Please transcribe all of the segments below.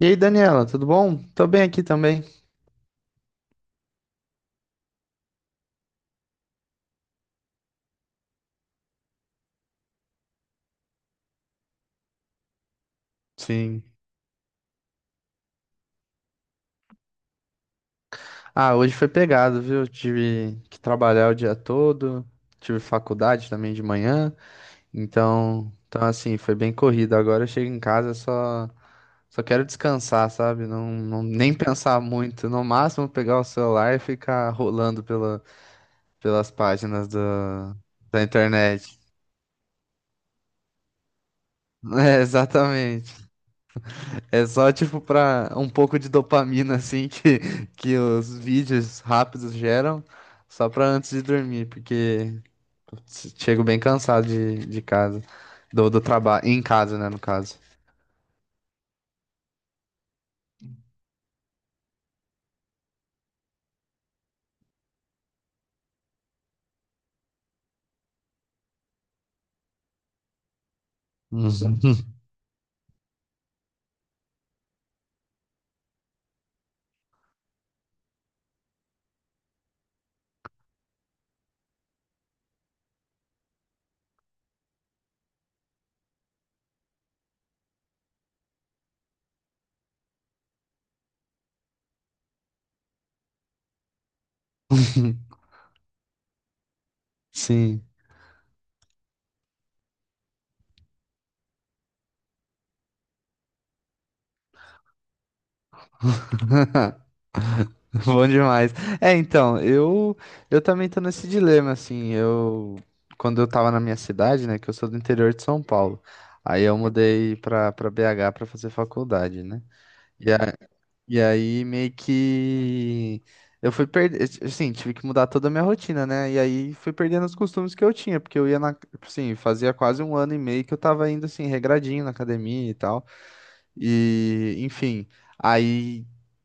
E aí, Daniela, tudo bom? Tô bem aqui também. Sim. Ah, hoje foi pegado, viu? Tive que trabalhar o dia todo, tive faculdade também de manhã, então assim, foi bem corrido. Agora eu chego em casa, só quero descansar, sabe? Não, nem pensar muito, no máximo pegar o celular e ficar rolando pelas páginas da internet. É, exatamente. É só tipo pra um pouco de dopamina assim que os vídeos rápidos geram, só pra antes de dormir, porque chego bem cansado de casa, do trabalho, em casa, né, no caso. Uhum. Sim, bom demais. É, então, eu também tô nesse dilema assim, eu quando eu tava na minha cidade, né, que eu sou do interior de São Paulo. Aí eu mudei pra para BH pra fazer faculdade, né? E a- E aí meio que eu fui perder, assim, tive que mudar toda a minha rotina, né? E aí fui perdendo os costumes que eu tinha, porque eu ia assim, fazia quase um ano e meio que eu tava indo assim regradinho na academia e tal. E, enfim, aí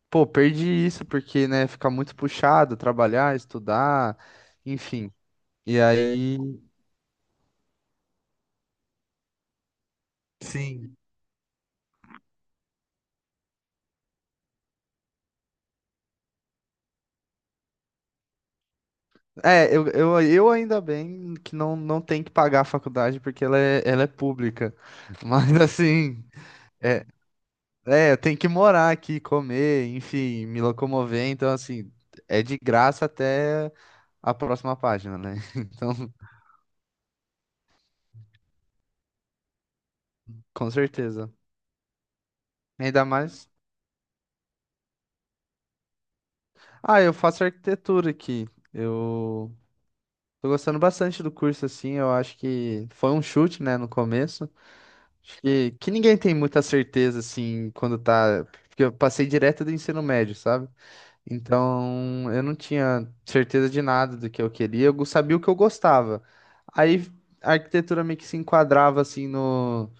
pô, perdi isso porque, né, fica muito puxado, trabalhar, estudar, enfim. E aí, sim. É, eu ainda bem que não tem que pagar a faculdade porque ela é pública. Mas assim, é, É, eu tenho que morar aqui, comer, enfim, me locomover. Então, assim, é de graça até a próxima página, né? Então, com certeza. Ainda mais. Ah, eu faço arquitetura aqui. Eu tô gostando bastante do curso, assim. Eu acho que foi um chute, né, no começo. Acho que ninguém tem muita certeza, assim, quando tá. Porque eu passei direto do ensino médio, sabe? Então, eu não tinha certeza de nada do que eu queria, eu sabia o que eu gostava. Aí a arquitetura meio que se enquadrava assim no.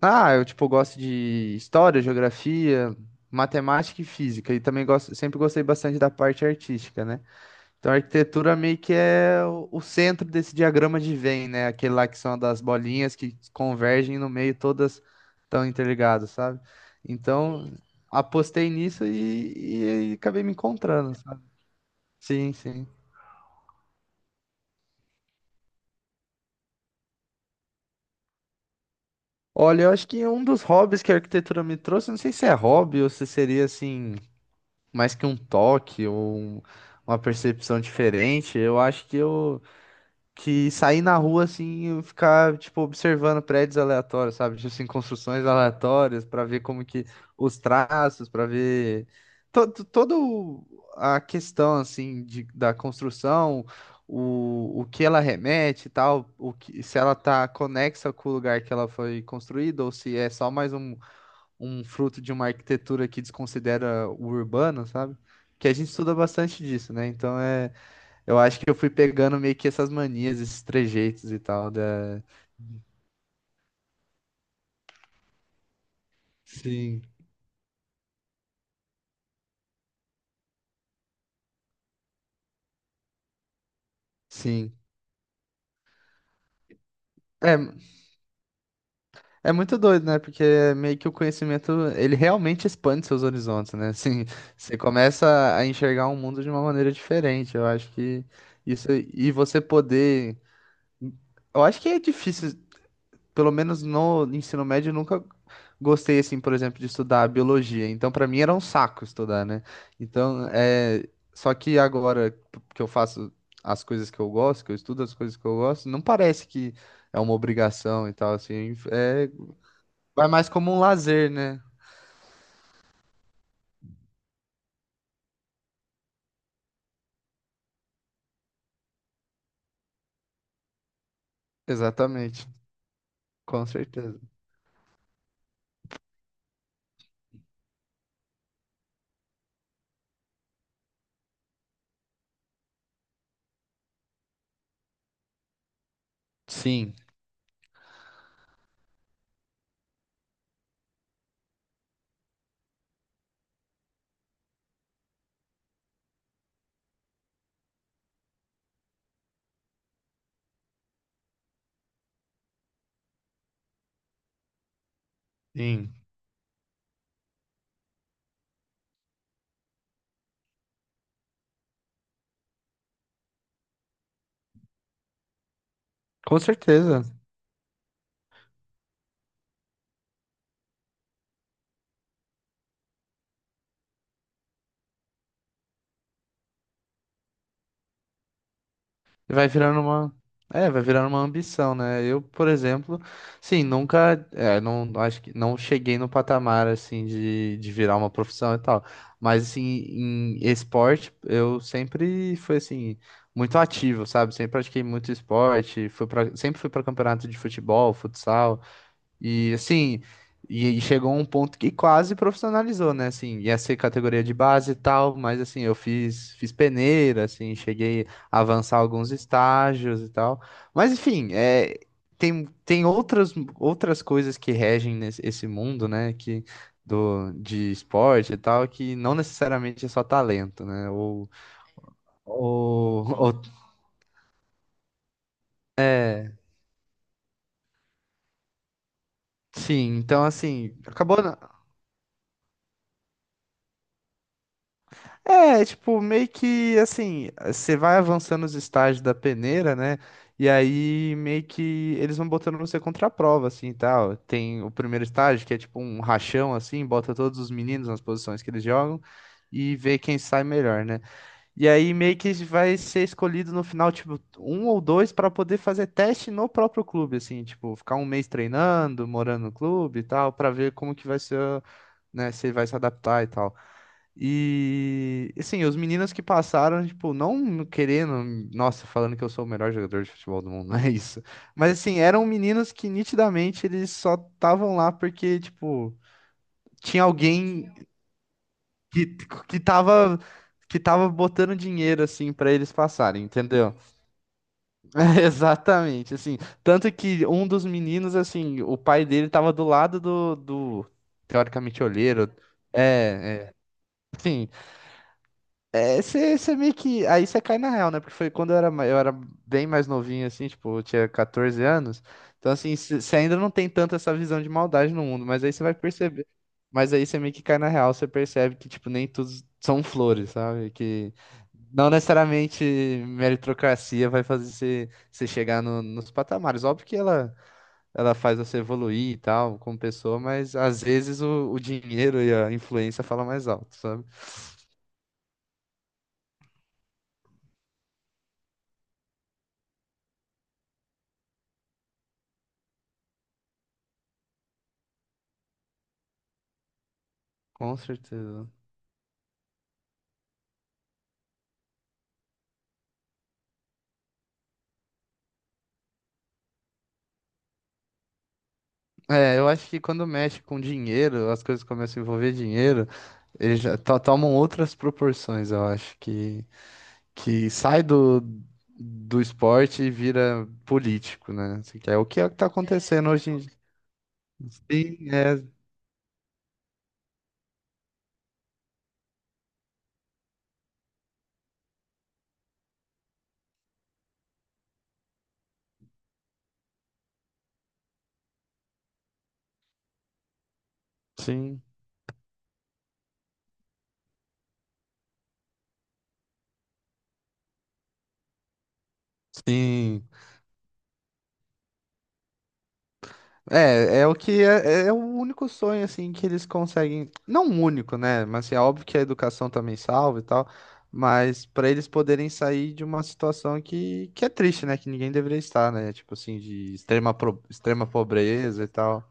Ah, eu tipo gosto de história, geografia, matemática e física, e também gosto, sempre gostei bastante da parte artística, né? Então a arquitetura meio que é o centro desse diagrama de Venn, né? Aquele lá que são das bolinhas que convergem no meio, todas estão interligadas, sabe? Então, apostei nisso e acabei me encontrando. Sim, sim. Olha, eu acho que um dos hobbies que a arquitetura me trouxe, não sei se é hobby ou se seria assim, mais que um toque ou uma percepção diferente, eu acho que sair na rua assim e ficar tipo observando prédios aleatórios, sabe? Tipo assim, construções aleatórias pra ver como que os traços, pra ver toda a questão assim da construção, o que ela remete e tal, o que se ela tá conexa com o lugar que ela foi construída ou se é só mais um, um fruto de uma arquitetura que desconsidera o urbano, sabe? Que a gente estuda bastante disso, né? Então é eu acho que eu fui pegando meio que essas manias, esses trejeitos e tal da. Sim, sim. É, é muito doido, né? Porque meio que o conhecimento, ele realmente expande seus horizontes, né? Assim, você começa a enxergar o mundo de uma maneira diferente. Eu acho que isso. E você poder. Eu acho que é difícil pelo menos no ensino médio, eu nunca gostei, assim, por exemplo, de estudar biologia. Então, pra mim era um saco estudar, né? Então, é... só que agora que eu faço as coisas que eu gosto, que eu estudo as coisas que eu gosto, não parece que é uma obrigação e tal, assim. É... Vai mais como um lazer, né? Exatamente. Com certeza. Sim, sim. Com certeza. Vai virando uma. É, vai virando uma ambição, né? Eu, por exemplo, sim, nunca. É, não, acho que não cheguei no patamar, assim, de virar uma profissão e tal. Mas, assim, em esporte, eu sempre fui, assim, muito ativo, sabe? Sempre pratiquei muito esporte. Sempre fui para campeonato de futebol, futsal. E assim, e chegou um ponto que quase profissionalizou, né? Assim, ia ser categoria de base e tal, mas assim, eu fiz peneira, assim, cheguei a avançar alguns estágios e tal. Mas enfim, é, tem outras, outras coisas que regem nesse, esse mundo, né? Que, de esporte e tal, que não necessariamente é só talento, né? Ou sim, então assim, acabou. É, tipo, meio que assim, você vai avançando os estágios da peneira, né? E aí meio que eles vão botando você contra a prova, assim, e tal. Tem o primeiro estágio, que é tipo um rachão, assim, bota todos os meninos nas posições que eles jogam e vê quem sai melhor, né? E aí meio que vai ser escolhido no final, tipo, um ou dois para poder fazer teste no próprio clube, assim, tipo, ficar um mês treinando, morando no clube e tal, para ver como que vai ser, né, se ele vai se adaptar e tal. E assim, os meninos que passaram, tipo, não querendo, nossa, falando que eu sou o melhor jogador de futebol do mundo, não é isso. Mas assim, eram meninos que nitidamente eles só estavam lá porque, tipo, tinha alguém que, que tava botando dinheiro assim pra eles passarem, entendeu? É, Exatamente, assim, tanto que um dos meninos, assim, o pai dele tava do lado do teoricamente olheiro. É. Sim, É, você meio que. Aí você cai na real, né? Porque foi quando eu era, eu era bem mais novinho, assim, tipo, eu tinha 14 anos. Então, assim, você ainda não tem tanto essa visão de maldade no mundo, mas aí você vai perceber. Mas aí você meio que cai na real, você percebe que, tipo, nem tudo são flores, sabe? Que não necessariamente meritocracia vai fazer você chegar nos patamares. Óbvio que ela faz você evoluir e tal, como pessoa, mas às vezes o dinheiro e a influência falam mais alto, sabe? Com certeza. É, eu acho que quando mexe com dinheiro, as coisas começam a envolver dinheiro, eles já tomam outras proporções, eu acho, que sai do esporte e vira político, né? Assim, que é o que é que tá É, acontecendo hoje em dia. Sim, é, sim, sim. É, é o que é, é é o único sonho assim que eles conseguem, não o único, né? Mas assim, é óbvio que a educação também salva e tal, mas pra eles poderem sair de uma situação que é triste, né? Que ninguém deveria estar, né? Tipo assim, de extrema, extrema pobreza e tal.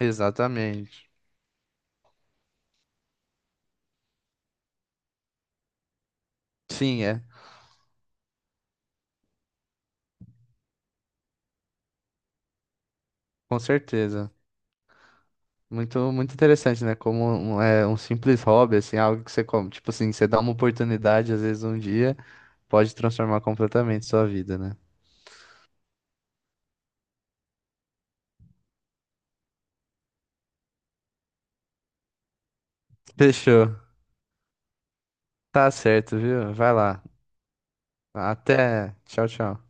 Exatamente. Sim, é, com certeza. Muito, muito interessante, né? Como um, é, um simples hobby, assim, algo que você come, tipo assim, você dá uma oportunidade às vezes um dia, pode transformar completamente sua vida, né? Fechou. Tá certo, viu? Vai lá. Até. Tchau, tchau.